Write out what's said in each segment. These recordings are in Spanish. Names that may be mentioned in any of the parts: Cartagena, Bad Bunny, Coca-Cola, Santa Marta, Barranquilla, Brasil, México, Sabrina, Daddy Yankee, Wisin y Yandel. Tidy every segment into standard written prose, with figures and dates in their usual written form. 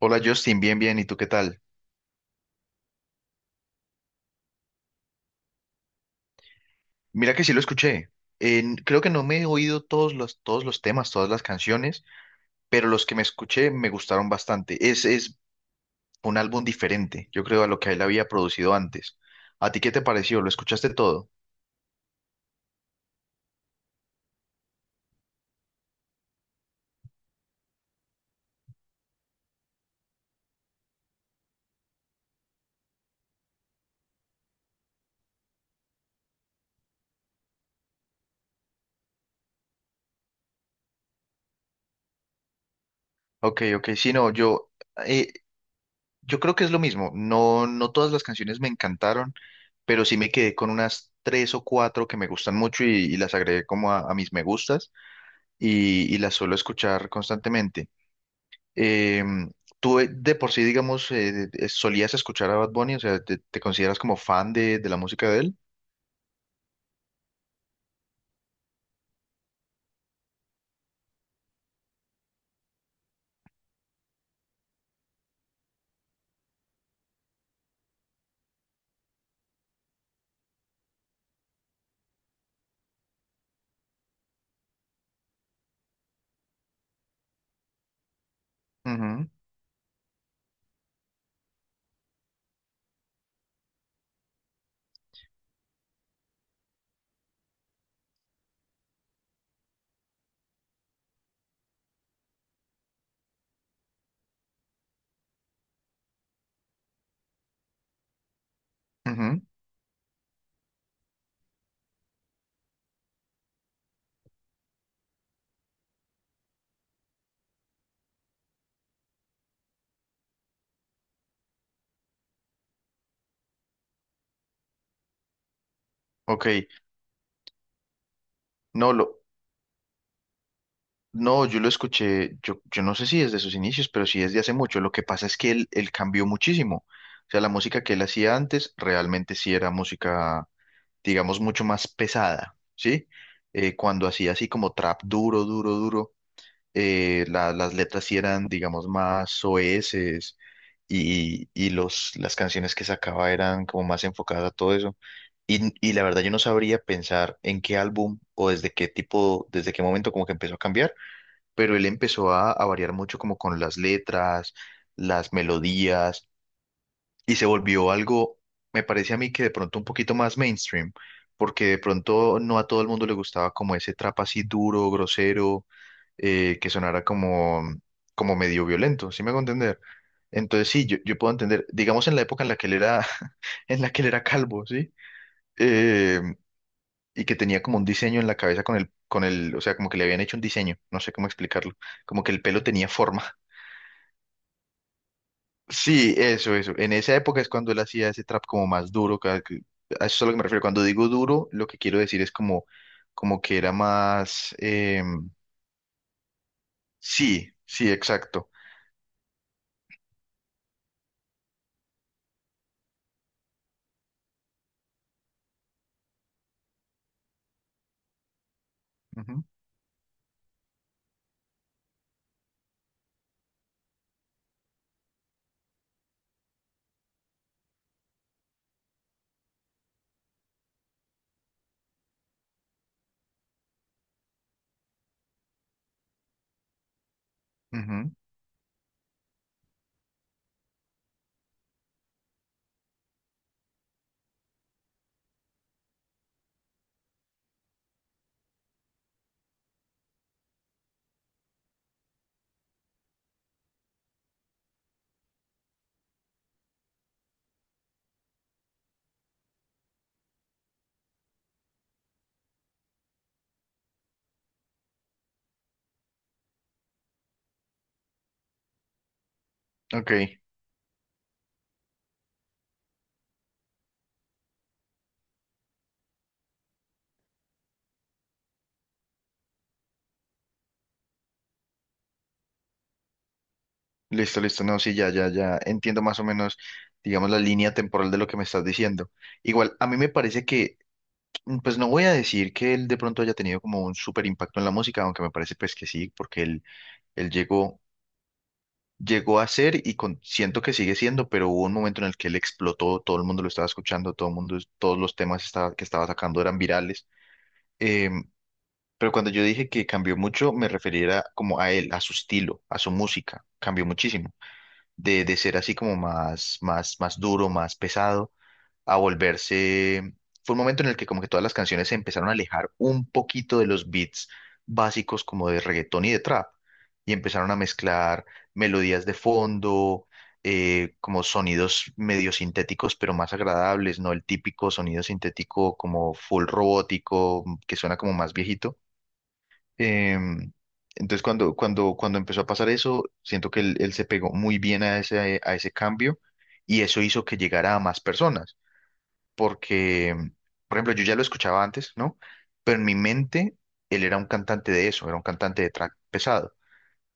Hola Justin, bien, bien, ¿y tú qué tal? Mira que sí lo escuché. Creo que no me he oído todos los temas, todas las canciones, pero los que me escuché me gustaron bastante. Es un álbum diferente, yo creo, a lo que él había producido antes. ¿A ti qué te pareció? ¿Lo escuchaste todo? Ok, ok, sí, no, eh, yo creo que es lo mismo. No, no todas las canciones me encantaron, pero sí me quedé con unas tres o cuatro que me gustan mucho y las agregué como a mis me gustas y las suelo escuchar constantemente. Eh, tú de por sí, digamos, solías escuchar a Bad Bunny, o sea, ¿te, te consideras como fan de la música de él? Ujú, ujú. Ok, no, lo, no, yo lo escuché, yo no sé si desde sus inicios, pero sí desde hace mucho. Lo que pasa es que él cambió muchísimo. O sea, la música que él hacía antes realmente sí era música, digamos, mucho más pesada, ¿sí? Cuando hacía así como trap duro, duro, duro. Las letras sí eran, digamos, más soeces y las canciones que sacaba eran como más enfocadas a todo eso. Y la verdad yo no sabría pensar en qué álbum o desde qué tipo, desde qué momento como que empezó a cambiar, pero él empezó a variar mucho como con las letras, las melodías y se volvió algo, me parece a mí que de pronto un poquito más mainstream. Porque de pronto no a todo el mundo le gustaba como ese trap así duro, grosero, que sonara como, como medio violento, ¿sí me hago entender? Entonces sí, yo puedo entender, digamos en la época en la que él era, en la que él era calvo, ¿sí? Eh, y que tenía como un diseño en la cabeza con el, o sea, como que le habían hecho un diseño, no sé cómo explicarlo, como que el pelo tenía forma. Sí, eso, eso. En esa época es cuando él hacía ese trap como más duro. A eso es a lo que me refiero. Cuando digo duro, lo que quiero decir es como, como que era más... sí, sí, exacto. Ujú, ujú, ok. Listo, listo, no, sí, ya, ya, ya entiendo más o menos, digamos, la línea temporal de lo que me estás diciendo. Igual, a mí me parece que, pues no voy a decir que él de pronto haya tenido como un súper impacto en la música, aunque me parece pues que sí, porque él llegó, llegó a ser siento que sigue siendo, pero hubo un momento en el que él explotó, todo el mundo lo estaba escuchando, todo el mundo, todos los temas estaba- que estaba sacando eran virales. Em, pero cuando yo dije que cambió mucho, me refería como a él, a su estilo, a su música, cambió muchísimo. De ser así como más, más, más duro, más pesado, a volverse... Fue un momento en el que como que todas las canciones se empezaron a alejar un poquito de los beats básicos como de reggaetón y de trap, y empezaron a mezclar melodías de fondo, como sonidos medio sintéticos, pero más agradables, no el típico sonido sintético como full robótico, que suena como más viejito. Em, entonces, cuando empezó a pasar eso, siento que él se pegó muy bien a ese cambio y eso hizo que llegara a más personas, porque, por ejemplo, yo ya lo escuchaba antes, ¿no? Pero en mi mente, él era un cantante de eso, era un cantante de trap pesado.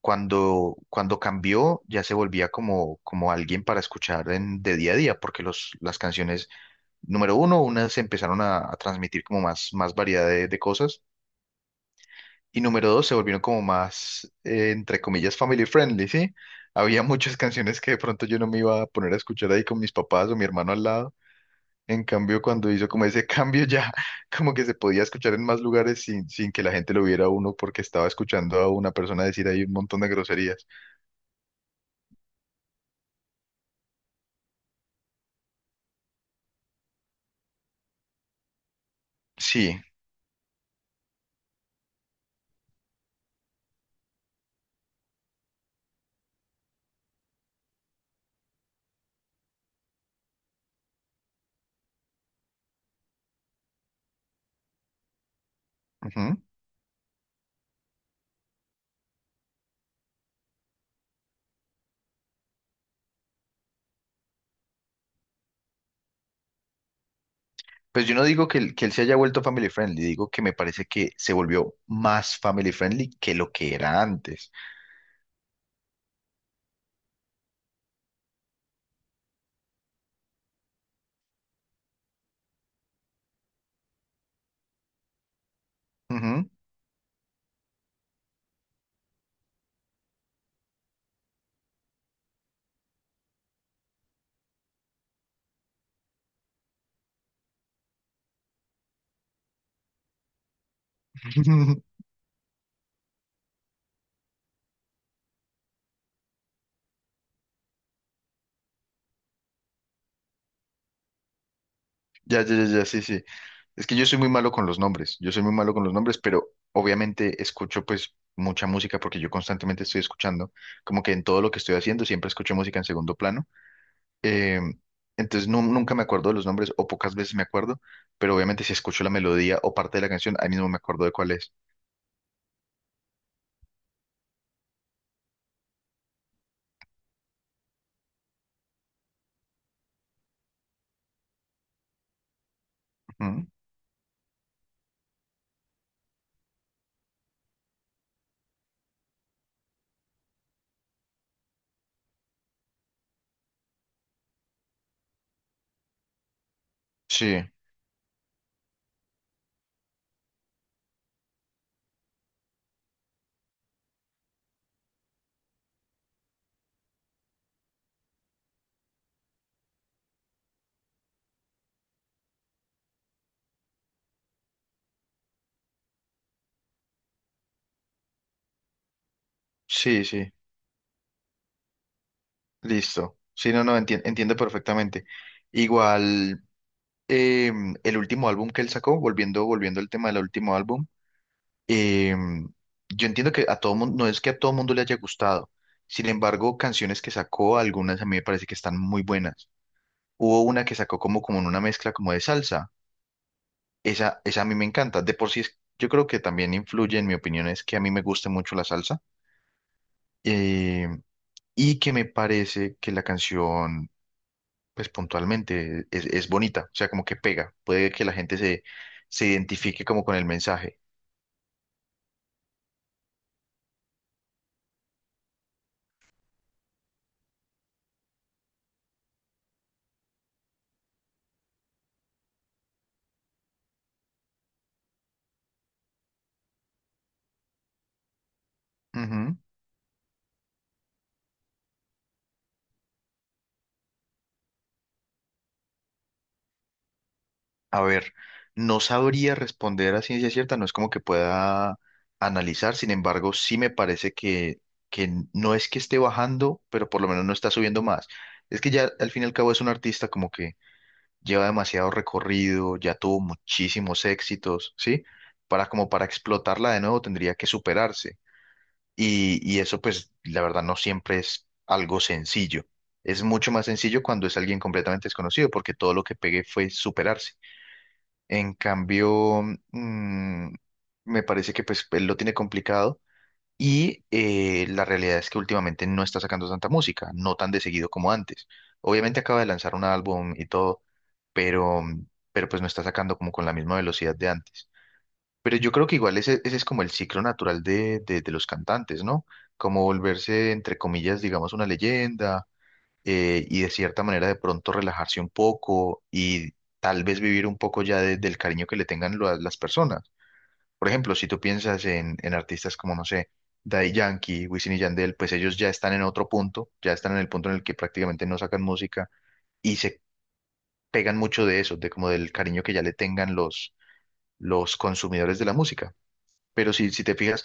Cuando cambió, ya se volvía como, como alguien para escuchar en, de día a día, porque las canciones, número uno, unas se empezaron a transmitir como más, más variedad de cosas y número dos, se volvieron como más, entre comillas, family friendly, ¿sí? Había muchas canciones que de pronto yo no me iba a poner a escuchar ahí con mis papás o mi hermano al lado. En cambio, cuando hizo como ese cambio ya, como que se podía escuchar en más lugares sin, sin que la gente lo viera a uno porque estaba escuchando a una persona decir ahí un montón de groserías. Sí. Ujú. Pues yo no digo que, que él se haya vuelto family friendly, digo que me parece que se volvió más family friendly que lo que era antes. Ujú. Ya, ya, ya, ya, sí, sí. Es que yo soy muy malo con los nombres, yo soy muy malo con los nombres, pero obviamente escucho pues mucha música porque yo constantemente estoy escuchando, como que en todo lo que estoy haciendo siempre escucho música en segundo plano. Eh, entonces nunca me acuerdo de los nombres o pocas veces me acuerdo, pero obviamente si escucho la melodía o parte de la canción, ahí mismo me acuerdo de cuál es. Ujú. Sí, sí, sí, listo. Sí, no, no, entiendo perfectamente. Igual, el último álbum que él sacó, volviendo al tema del último álbum. eh, yo entiendo que a todo mundo, no es que a todo mundo le haya gustado. Sin embargo, canciones que sacó, algunas a mí me parece que están muy buenas. Hubo una que sacó como, como en una mezcla como de salsa. Esa a mí me encanta. De por sí, yo creo que también influye, en mi opinión, es que a mí me gusta mucho la salsa. eh, y que me parece que la canción, pues puntualmente, es bonita. O sea, como que pega. Puede que la gente se, se identifique como con el mensaje. A ver, no sabría responder a ciencia cierta, no es como que pueda analizar, sin embargo, sí me parece que no es que esté bajando, pero por lo menos no está subiendo más. Es que ya al fin y al cabo es un artista como que lleva demasiado recorrido, ya tuvo muchísimos éxitos, ¿sí? Para como para explotarla de nuevo tendría que superarse. Y eso pues la verdad no siempre es algo sencillo. Es mucho más sencillo cuando es alguien completamente desconocido, porque todo lo que pegue fue superarse. En cambio, mm, me parece que pues él lo tiene complicado y la realidad es que últimamente no está sacando tanta música, no tan de seguido como antes. Obviamente acaba de lanzar un álbum y todo, pero, pero pues no está sacando como con la misma velocidad de antes. Pero yo creo que igual ese es como el ciclo natural de los cantantes, ¿no? Como volverse, entre comillas, digamos, una leyenda y de cierta manera de pronto relajarse un poco y tal vez vivir un poco ya del cariño que le tengan las personas. Por ejemplo, si tú piensas en artistas como, no sé, Daddy Yankee, Wisin y Yandel, pues ellos ya están en otro punto, ya están en el punto en el que prácticamente no sacan música y se pegan mucho de eso, de como del cariño que ya le tengan los consumidores de la música. Pero si te fijas,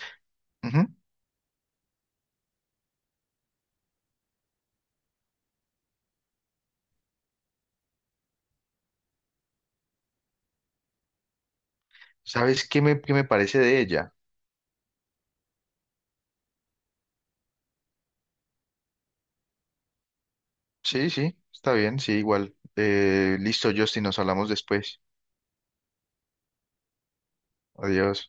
ujú, ¿sabes qué qué me parece de ella? Sí, sí, está bien, sí, igual. Listo, Justin, nos hablamos después. Adiós.